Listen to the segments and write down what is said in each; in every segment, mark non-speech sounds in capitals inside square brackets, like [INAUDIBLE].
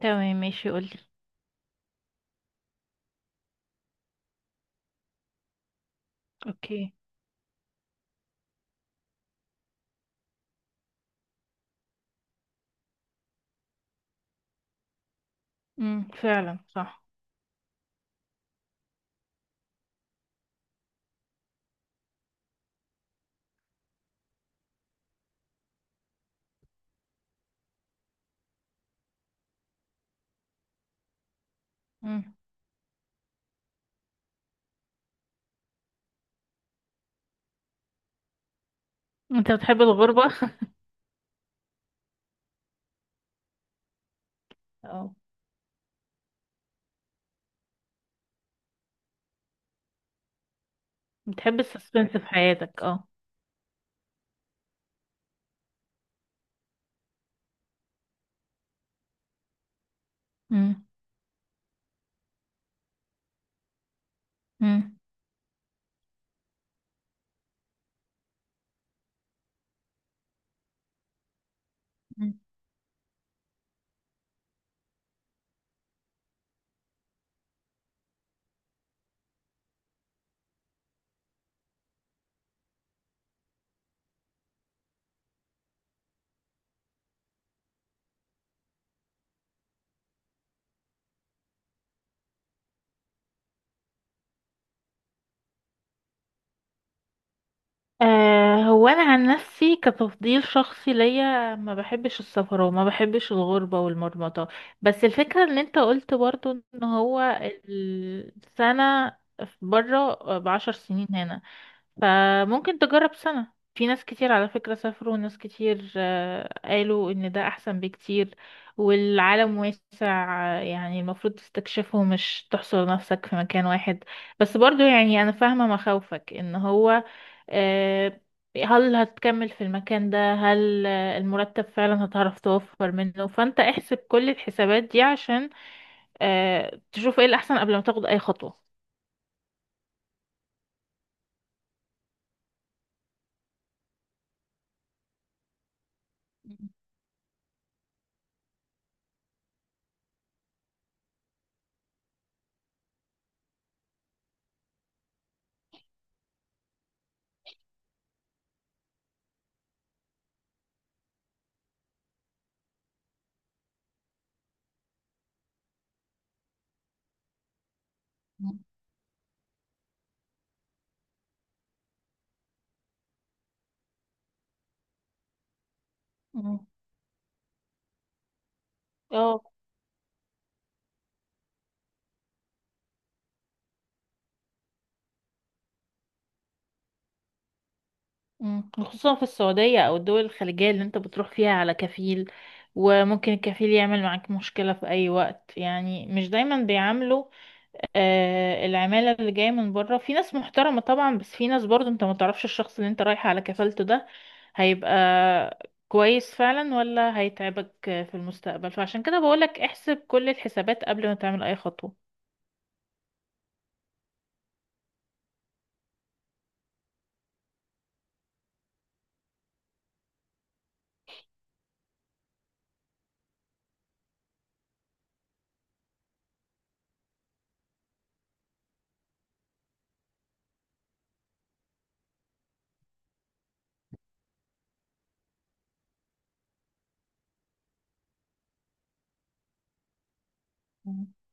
تمام، ماشي قولي. اوكي. فعلا صح. امم انت بتحب الغربة؟ [LAUGHS] اه، بتحب السسبنس في حياتك؟ اه. امم امم مم. آه، هو انا عن نفسي كتفضيل شخصي ليا ما بحبش السفر وما بحبش الغربة والمرمطة، بس الفكرة ان انت قلت برضو ان هو السنة بره ب10 سنين هنا، فممكن تجرب سنة. في ناس كتير على فكرة سافروا، وناس كتير قالوا ان ده احسن بكتير، والعالم واسع. يعني المفروض تستكشفه مش تحصر نفسك في مكان واحد. بس برضو يعني انا فاهمة مخاوفك، ان هو آه، هل هتكمل في المكان ده؟ هل المرتب فعلا هتعرف توفر منه؟ فانت احسب كل الحسابات دي عشان تشوف ايه الاحسن قبل ما تاخد اي خطوة. مم. مم. اه. مم. خصوصا في السعودية أو الدول الخليجية اللي أنت بتروح فيها على كفيل، وممكن الكفيل يعمل معاك مشكلة في أي وقت، يعني مش دايما بيعاملوا. آه، العمالة اللي جاية من بره في ناس محترمة طبعا، بس في ناس برضو أنت ما تعرفش الشخص اللي أنت رايح على كفالته ده هيبقى كويس فعلا ولا هيتعبك في المستقبل، فعشان كده بقولك احسب كل الحسابات قبل ما تعمل أي خطوة.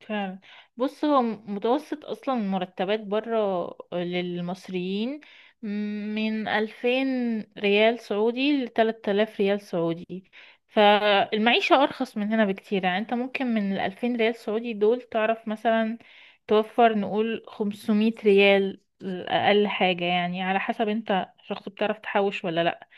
فعلا. بص، هو متوسط اصلا المرتبات بره للمصريين من 2000 ريال سعودي لتلات آلاف ريال سعودي، فالمعيشة أرخص من هنا بكتير. يعني انت ممكن من الـ2000 ريال سعودي دول تعرف مثلا توفر نقول 500 ريال أقل حاجة، يعني على حسب انت شخص بتعرف تحوش ولا لأ.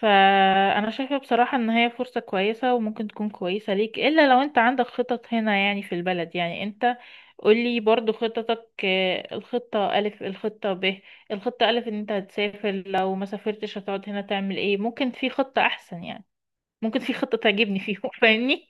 فانا شايفة بصراحة ان هي فرصة كويسة، وممكن تكون كويسة ليك، الا لو انت عندك خطط هنا يعني في البلد، يعني انت قولي برضو خططك. الخطة ألف، الخطة ب. الخطة ألف ان انت هتسافر، لو ما سافرتش هتقعد هنا تعمل ايه؟ ممكن في خطة احسن يعني، ممكن في خطة تعجبني فيهم [LAUGHS] فاهمني؟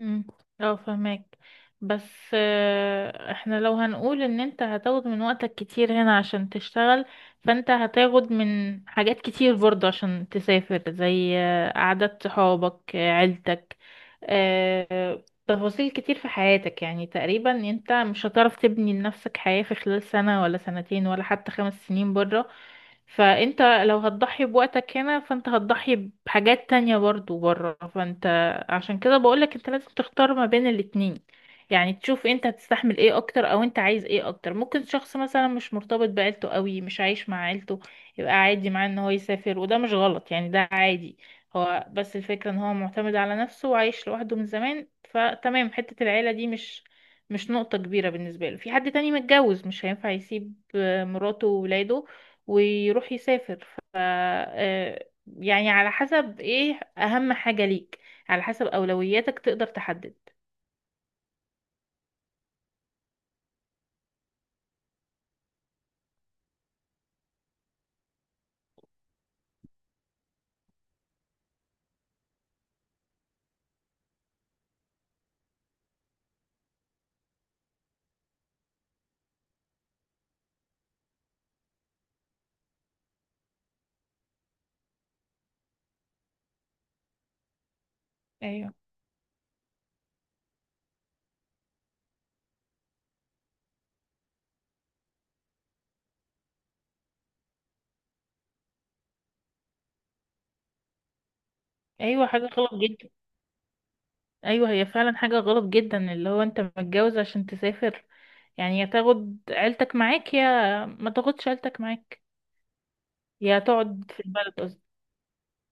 امم. اه، فهمك. بس احنا لو هنقول ان انت هتاخد من وقتك كتير هنا عشان تشتغل، فانت هتاخد من حاجات كتير برضه عشان تسافر، زي قعدات صحابك، عيلتك، تفاصيل كتير في حياتك. يعني تقريبا انت مش هتعرف تبني لنفسك حياة في خلال سنة ولا سنتين ولا حتى 5 سنين بره. فانت لو هتضحي بوقتك هنا، فانت هتضحي بحاجات تانية برضو بره. فانت عشان كده بقولك انت لازم تختار ما بين الاتنين، يعني تشوف انت هتستحمل ايه اكتر، او انت عايز ايه اكتر. ممكن شخص مثلا مش مرتبط بعيلته قوي، مش عايش مع عيلته، يبقى عادي معاه ان هو يسافر، وده مش غلط يعني، ده عادي. هو بس الفكرة ان هو معتمد على نفسه وعايش لوحده من زمان، فتمام حتة العيلة دي مش نقطة كبيرة بالنسبة له. في حد تاني متجوز مش هينفع يسيب مراته وولاده ويروح يسافر، ف آه، يعني على حسب ايه اهم حاجة ليك، على حسب اولوياتك تقدر تحدد. ايوه. ايوه، حاجة غلط جدا. ايوه، هي فعلا حاجة غلط جدا، اللي هو انت متجوز عشان تسافر، يعني يا تاخد عيلتك معاك يا ما تاخدش عيلتك معاك، يا تقعد في البلد قصدي.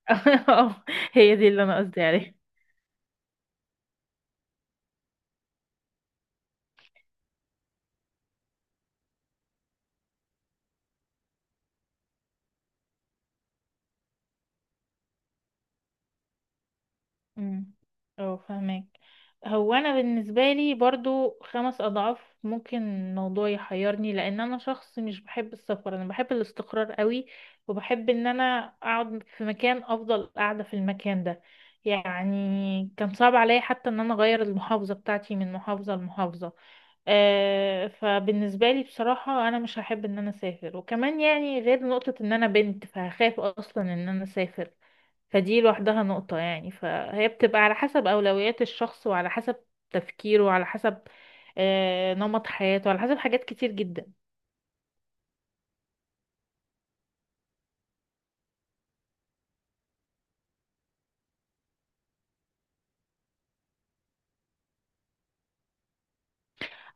[LAUGHS] اه. هي دي اللي انا قصدي عليها. امم. اه، فهمك. هو انا بالنسبه لي برضو 5 اضعاف ممكن الموضوع يحيرني، لان انا شخص مش بحب السفر، انا بحب الاستقرار قوي، وبحب ان انا اقعد في مكان. افضل قاعده في المكان ده، يعني كان صعب عليا حتى ان انا اغير المحافظه بتاعتي من محافظه لمحافظه. آه، فبالنسبه لي بصراحه انا مش هحب ان انا اسافر، وكمان يعني غير نقطه ان انا بنت فهخاف اصلا ان انا اسافر. فدي لوحدها نقطة يعني، فهي بتبقى على حسب أولويات الشخص وعلى حسب تفكيره وعلى حسب نمط حياته، على حسب حاجات كتير جدا.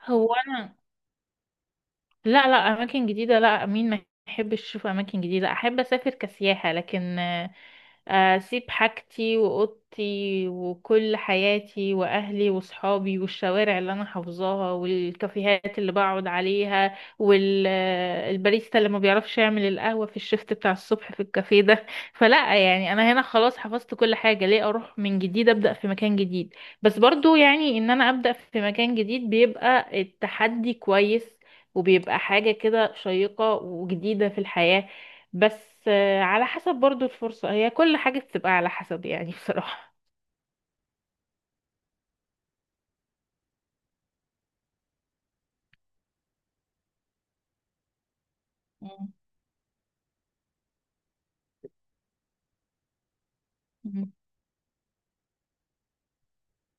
هو أنا لا لا اماكن جديده، لا، مين ما يحبش يشوف اماكن جديده؟ احب اسافر كسياحه، لكن اسيب حاجتي واوضتي وكل حياتي واهلي وصحابي والشوارع اللي انا حافظاها والكافيهات اللي بقعد عليها والباريستا اللي ما بيعرفش يعمل القهوه في الشفت بتاع الصبح في الكافيه ده؟ [LAUGHS] فلا يعني انا هنا خلاص حفظت كل حاجه، ليه اروح من جديد ابدا في مكان جديد؟ بس برضو يعني ان انا ابدا في مكان جديد بيبقى التحدي كويس، وبيبقى حاجة كده شيقة وجديدة في الحياة. بس على حسب برضو الفرصة، هي كل حاجة بتبقى على حسب يعني [LAUGHS] بصراحة. مم. مم.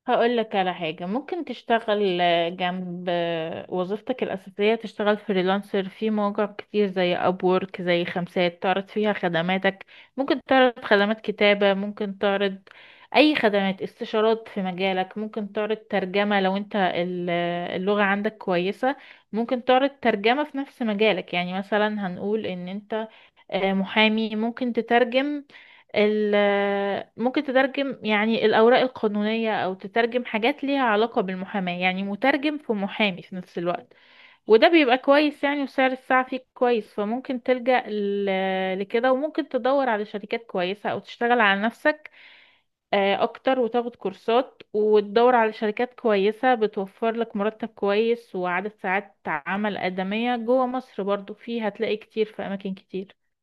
هقول لك على حاجة. ممكن تشتغل جنب وظيفتك الأساسية، تشتغل فريلانسر في مواقع كتير زي أبورك، زي خمسات، تعرض فيها خدماتك. ممكن تعرض خدمات كتابة، ممكن تعرض أي خدمات استشارات في مجالك، ممكن تعرض ترجمة لو أنت اللغة عندك كويسة. ممكن تعرض ترجمة في نفس مجالك، يعني مثلا هنقول إن أنت محامي ممكن تترجم ال آه، ممكن تترجم يعني الأوراق القانونية، أو تترجم حاجات ليها علاقة بالمحاماة، يعني مترجم في محامي في نفس الوقت. وده بيبقى كويس يعني، وسعر الساعة فيه كويس، فممكن تلجأ لكده، وممكن تدور على شركات كويسة أو تشتغل على نفسك أكتر، وتاخد كورسات وتدور على شركات كويسة بتوفر لك مرتب كويس وعدد ساعات عمل آدمية جوه مصر برضو، فيه هتلاقي كتير في أماكن كتير.